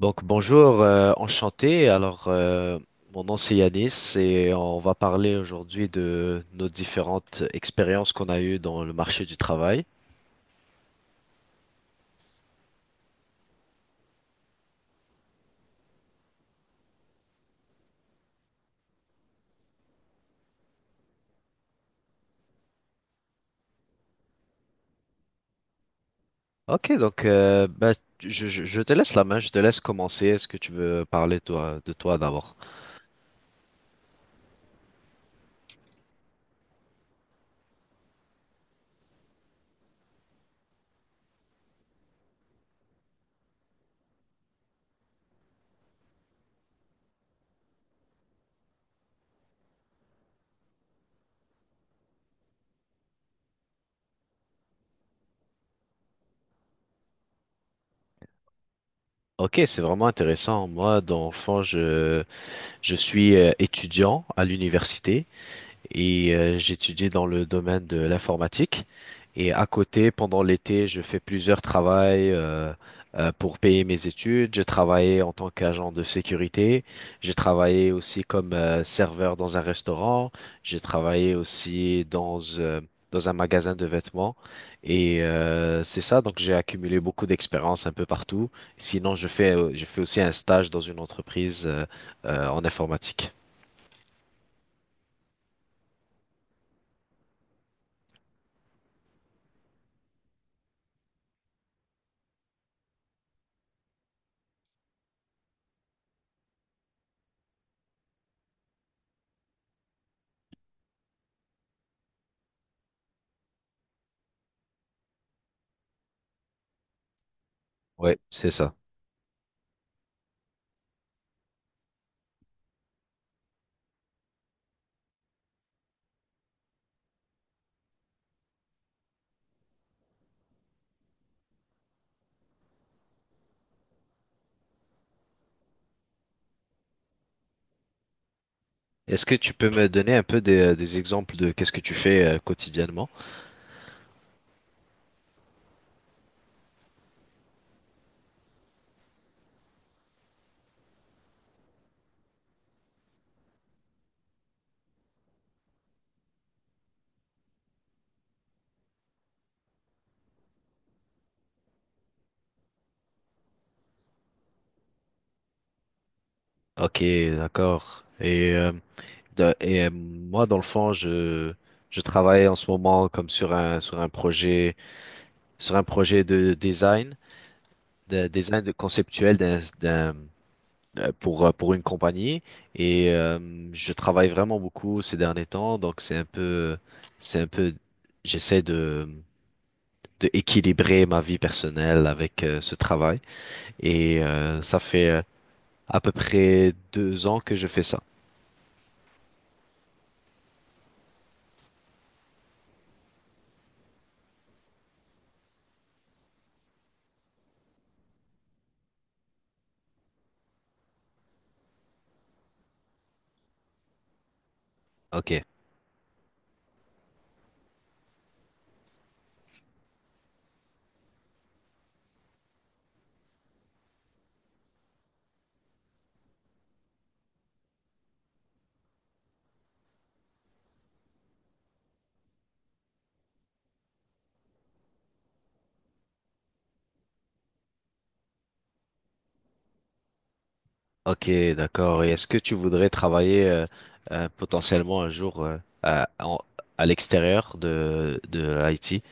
Donc bonjour, enchanté. Mon nom c'est Yanis et on va parler aujourd'hui de nos différentes expériences qu'on a eues dans le marché du travail. Ok, je te laisse la main, je te laisse commencer. Est-ce que tu veux parler toi, de toi d'abord? Ok, c'est vraiment intéressant. Moi, dans le fond, je suis étudiant à l'université et j'étudie dans le domaine de l'informatique. Et à côté, pendant l'été, je fais plusieurs travails pour payer mes études. J'ai travaillé en tant qu'agent de sécurité. J'ai travaillé aussi comme serveur dans un restaurant. J'ai travaillé aussi dans un magasin de vêtements. Et c'est ça, donc j'ai accumulé beaucoup d'expérience un peu partout. Sinon, je fais aussi un stage dans une entreprise en informatique. Oui, c'est ça. Est-ce que tu peux me donner un peu des exemples de qu'est-ce que tu fais quotidiennement? Ok, d'accord. Moi, dans le fond, je travaille en ce moment comme sur un projet de design, de design de conceptuel pour une compagnie. Et je travaille vraiment beaucoup ces derniers temps, donc c'est un peu, j'essaie de équilibrer ma vie personnelle avec ce travail. Et ça fait à peu près deux ans que je fais ça. Ok, ok, d'accord. Et est-ce que tu voudrais travailler potentiellement un jour à l'extérieur de l'IT?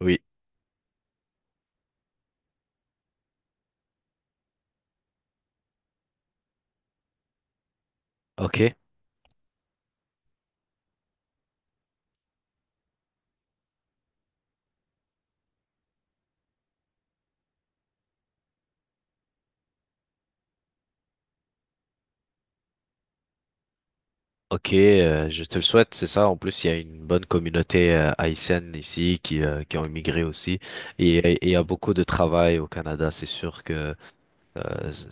Oui. Ok, Ok, je te le souhaite, c'est ça. En plus, il y a une bonne communauté haïtienne ici qui ont immigré aussi. Et il y a beaucoup de travail au Canada, c'est sûr que… euh, c-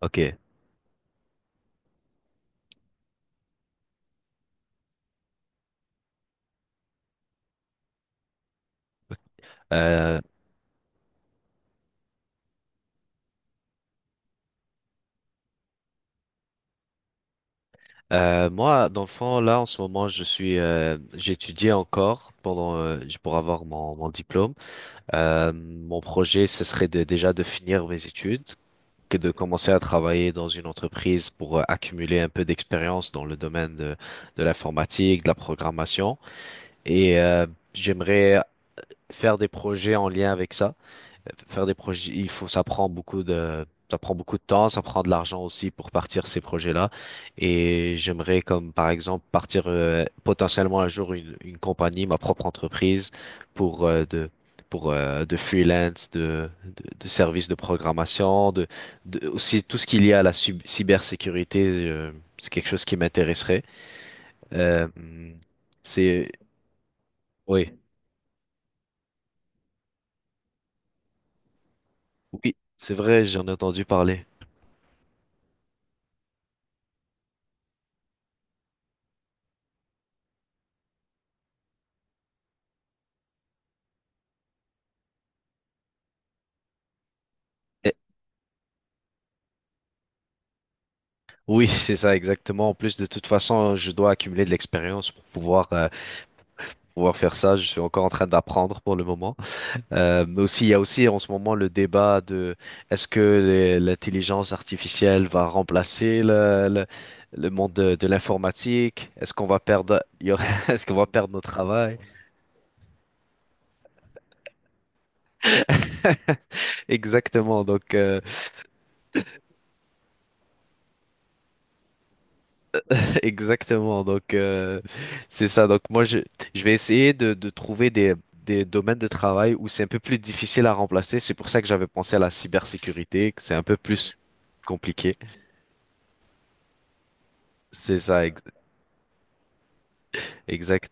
ok. Euh, moi, dans le fond, là, en ce moment, je suis… j'étudie encore pendant, pour avoir mon diplôme. Mon projet, ce serait de- déjà de finir mes études. Que de commencer à travailler dans une entreprise pour accumuler un peu d'expérience dans le domaine de l'informatique, de la programmation. Et j'aimerais faire des projets en lien avec ça. Faire des projets, il faut, ça prend ça prend beaucoup de temps, ça prend de l'argent aussi pour partir ces projets-là. Et j'aimerais comme par exemple partir potentiellement un jour une compagnie, ma propre entreprise pour euh, de pour de freelance, de services de programmation, de aussi tout ce qu'il y a à la sub- cybersécurité, c'est quelque chose qui m'intéresserait. Euh, c'est oui. Oui, c'est vrai, j'en ai entendu parler. Eh, Oui, c'est ça exactement. En plus, de toute façon, je dois accumuler de l'expérience pour pouvoir pouvoir faire ça. Je suis encore en train d'apprendre pour le moment. Mais aussi, il y a aussi en ce moment le débat de est-ce que l'intelligence artificielle va remplacer le monde de l'informatique? Est-ce qu'on va perdre est-ce qu'on va perdre notre travail? Exactement. Exactement, donc euh, c'est ça. Donc moi, je vais essayer de trouver des domaines de travail où c'est un peu plus difficile à remplacer. C'est pour ça que j'avais pensé à la cybersécurité, que c'est un peu plus compliqué. C'est ça, ex- exact.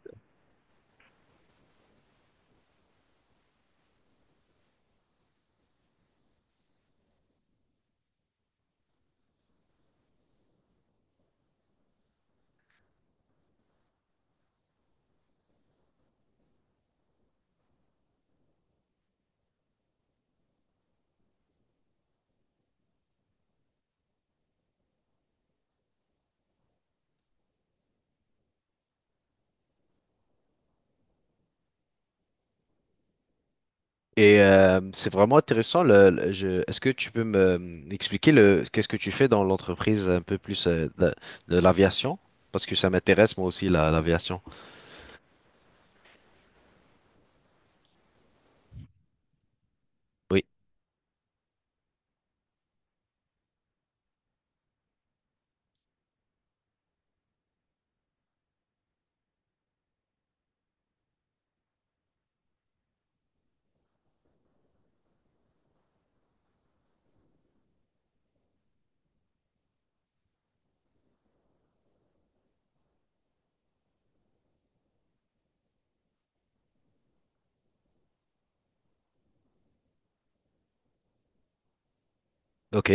Et c'est vraiment intéressant. Est-ce que tu peux me expliquer le, qu'est-ce que tu fais dans l'entreprise un peu plus de l'aviation? Parce que ça m'intéresse moi aussi, la, l'aviation. Oui, ok,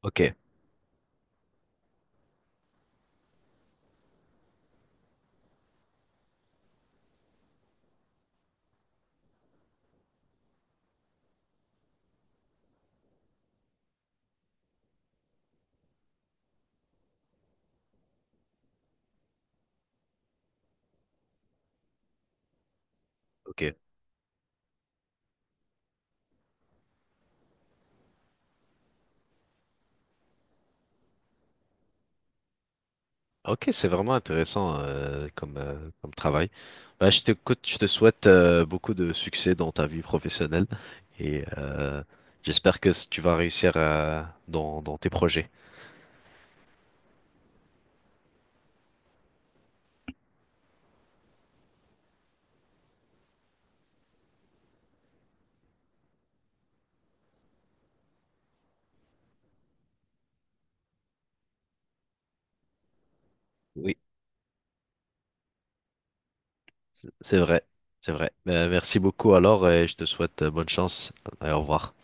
ok, ok. Ok, c'est vraiment intéressant comme, comme travail. Bah, je t'écoute, je te souhaite beaucoup de succès dans ta vie professionnelle et j'espère que tu vas réussir dans, dans tes projets. Oui. C'est vrai, c'est vrai. Merci beaucoup alors et je te souhaite bonne chance et au revoir.